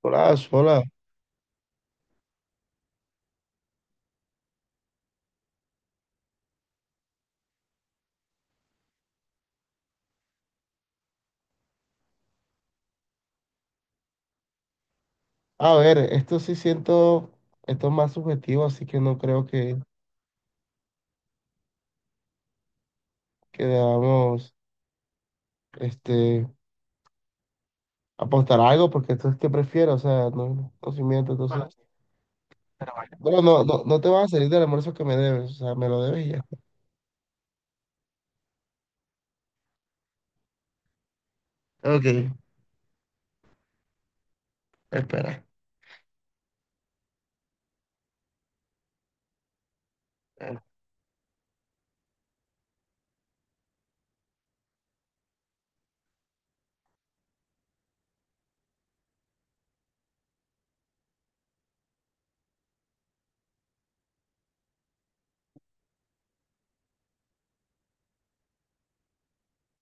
Hola, hola. A ver, esto sí siento, esto es más subjetivo, así que no creo que debamos este, apostar a algo, porque esto es que prefiero, o sea, no se miente, entonces. Bueno, no te vas a salir del almuerzo que me debes, o sea, me lo debes y ya. Ok, espera.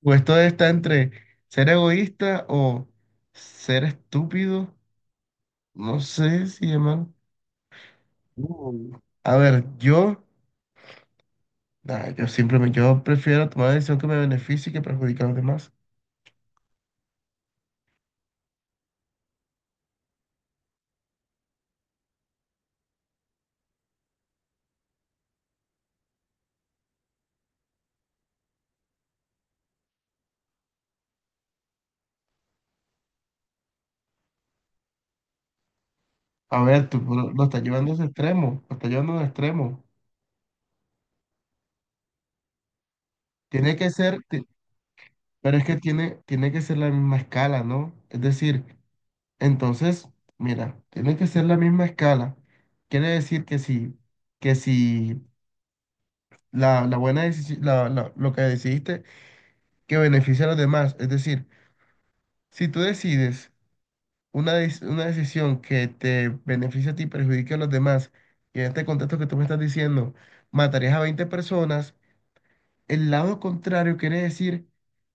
Pues esto está entre ser egoísta o ser estúpido, no sé si llaman. Mm. A ver, yo, nah, yo simplemente, yo prefiero tomar una decisión que me beneficie y que perjudique a los demás. A ver, tú lo estás llevando a ese extremo, lo estás llevando a un extremo. Tiene que ser, ti- pero es que tiene, tiene que ser la misma escala, ¿no? Es decir, entonces, mira, tiene que ser la misma escala. Quiere decir que si la buena decisión, lo que decidiste, que beneficia a los demás. Es decir, si tú decides una decisión que te beneficia a ti y perjudica a los demás, y en este contexto que tú me estás diciendo, matarías a 20 personas. El lado contrario quiere decir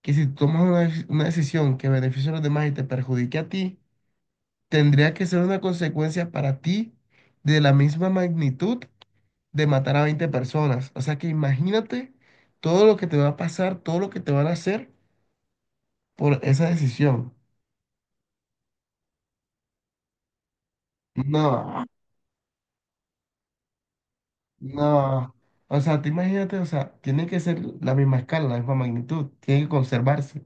que si tomas una decisión que beneficia a los demás y te perjudique a ti, tendría que ser una consecuencia para ti de la misma magnitud de matar a 20 personas. O sea que imagínate todo lo que te va a pasar, todo lo que te van a hacer por esa decisión. No, no. O sea, te imagínate, o sea, tiene que ser la misma escala, la misma magnitud, tiene que conservarse.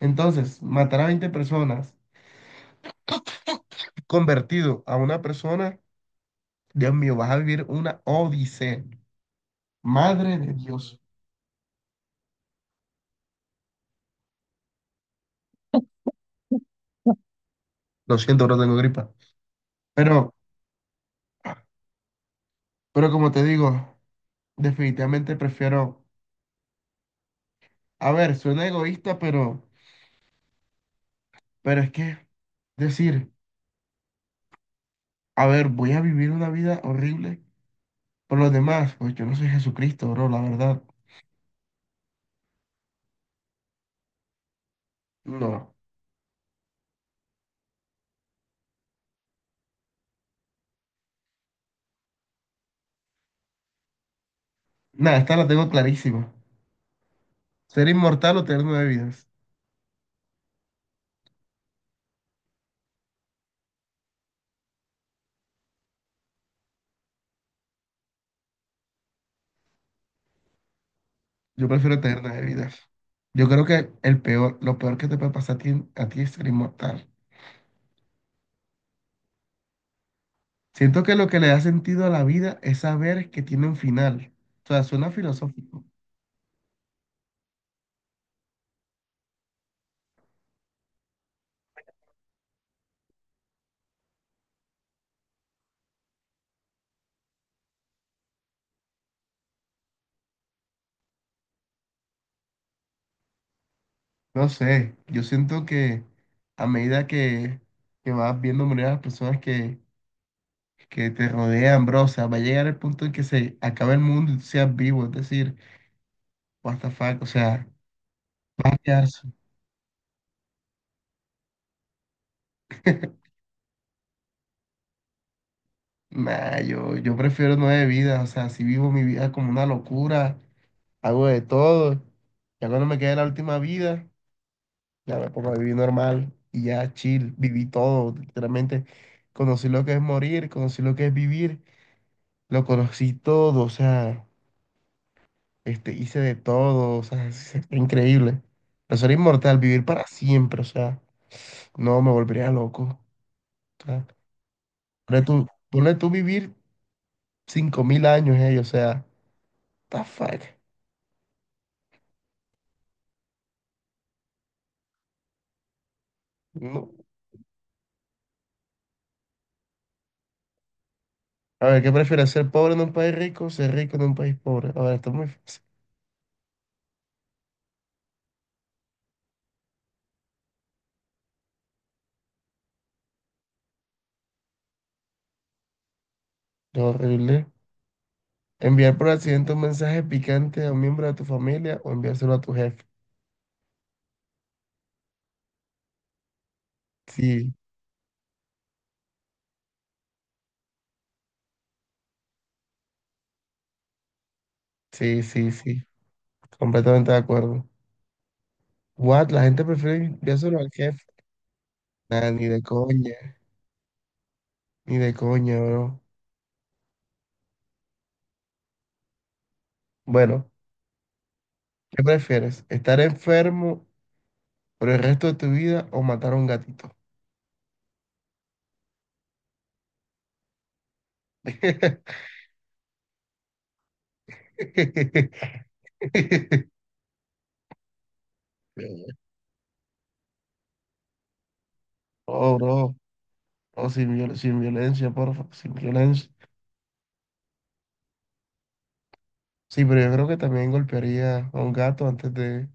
Entonces, matar a 20 personas convertido a una persona, Dios mío, vas a vivir una odisea. Madre de Dios. Lo siento, no tengo gripa. Pero, pero como te digo, definitivamente prefiero. A ver, suena egoísta, pero es que decir, a ver, voy a vivir una vida horrible por los demás. Pues yo no soy Jesucristo, bro, la verdad. No. Nada, esta la tengo clarísima. Ser inmortal o tener 9 vidas. Yo prefiero tener 9 vidas. Yo creo que lo peor que te puede pasar a ti es ser inmortal. Siento que lo que le da sentido a la vida es saber que tiene un final. O sea, suena filosófico. No sé, yo siento que a medida que vas viendo morir a las personas que te rodean, bro, o sea, va a llegar el punto en que se acabe el mundo y tú seas vivo. Es decir, what the fuck, o sea, vas a quedar nah, yo prefiero 9 vidas, o sea, si vivo mi vida como una locura, hago de todo, ya cuando me quede la última vida. Ya me pongo a vivir normal y ya chill, viví todo, literalmente. Conocí lo que es morir, conocí lo que es vivir, lo conocí todo, o sea, hice de todo, o sea, es increíble. Pero ser inmortal, vivir para siempre, o sea, no me volvería loco. O sea, ponle tú vivir 5000 años, o sea, what the fuck. No. A ver, ¿qué prefieres, ser pobre en un país rico o ser rico en un país pobre? A ver, esto es muy fácil. Es horrible. Enviar por accidente un mensaje picante a un miembro de tu familia o enviárselo a tu jefe. Sí, sí, sí, sí. Completamente de acuerdo. What? La gente prefiere enviárselo al jefe. Nah, ni de coña, ni de coña, bro. Bueno, ¿qué prefieres? ¿Estar enfermo por el resto de tu vida o matar a un gatito? Oh, bro. Oh, sin violencia, porfa, sin violencia. Sí, pero yo creo que también golpearía a un gato antes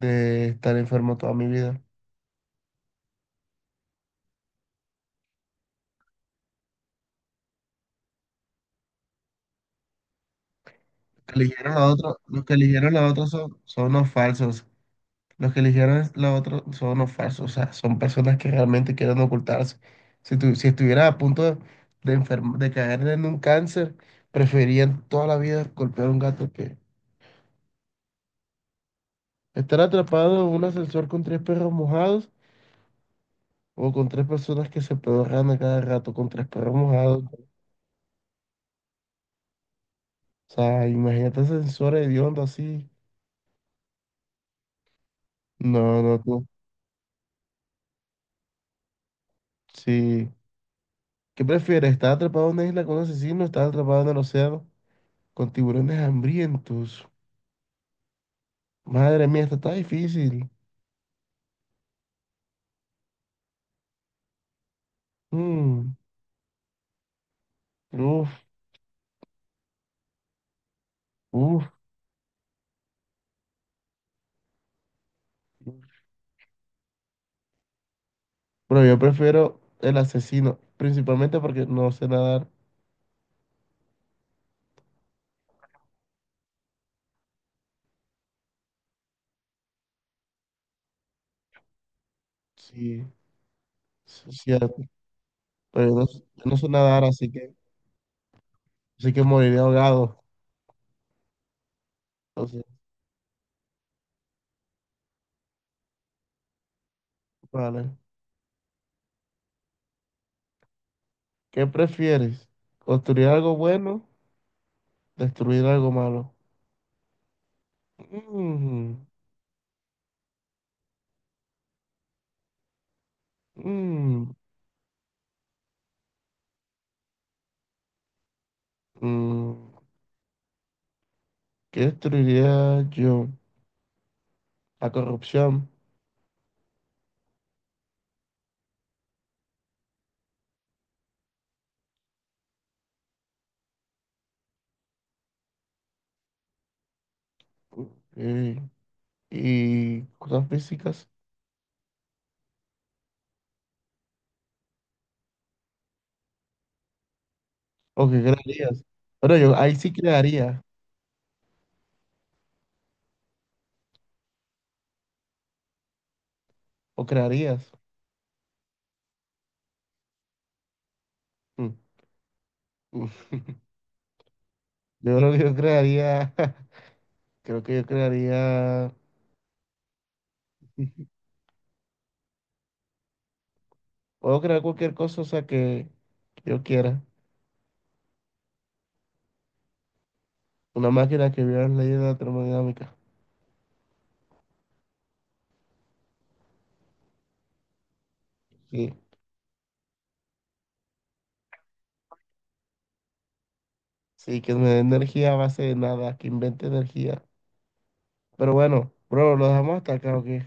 de estar enfermo toda mi vida. Que eligieron la otra, los que eligieron la otra son unos falsos. Los que eligieron la otra son unos falsos. O sea, son personas que realmente quieren ocultarse. Si estuvieras a punto de caer en un cáncer, preferían toda la vida golpear a un gato que estar atrapado en un ascensor con tres perros mojados o con tres personas que se pedorran a cada rato con tres perros mojados. O sea, imagínate ascensores hediondos así. No, no, tú. Sí. ¿Qué prefieres? ¿Estar atrapado en una isla con un asesino o estar atrapado en el océano con tiburones hambrientos? Madre mía, esto está difícil. Mm, uf, uf. Pero yo prefiero el asesino, principalmente porque no sé nadar. Sí, sí, es cierto. Pero yo no sé nadar, así que moriré ahogado. Entonces, vale. ¿Qué prefieres? ¿Construir algo bueno? ¿Destruir algo malo? Mm, mm, mm. ¿Qué destruiría yo? La corrupción, eh, y cosas físicas. ¿O qué crearías? Bueno, yo ahí sí crearía. ¿O crearías? Mm, mm. Yo creo que yo crearía, creo que yo crearía, puedo crear cualquier cosa, o sea, que yo quiera. Una máquina que viola las leyes de la termodinámica. Sí, sí, que me dé energía a base de nada, que invente energía. Pero bueno, bro, lo dejamos hasta acá, ¿o qué?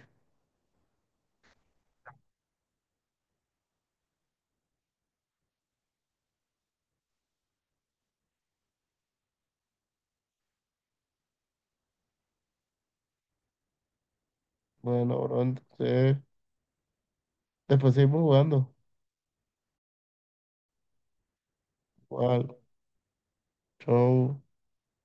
Bueno, bro, entonces, después seguimos jugando. 4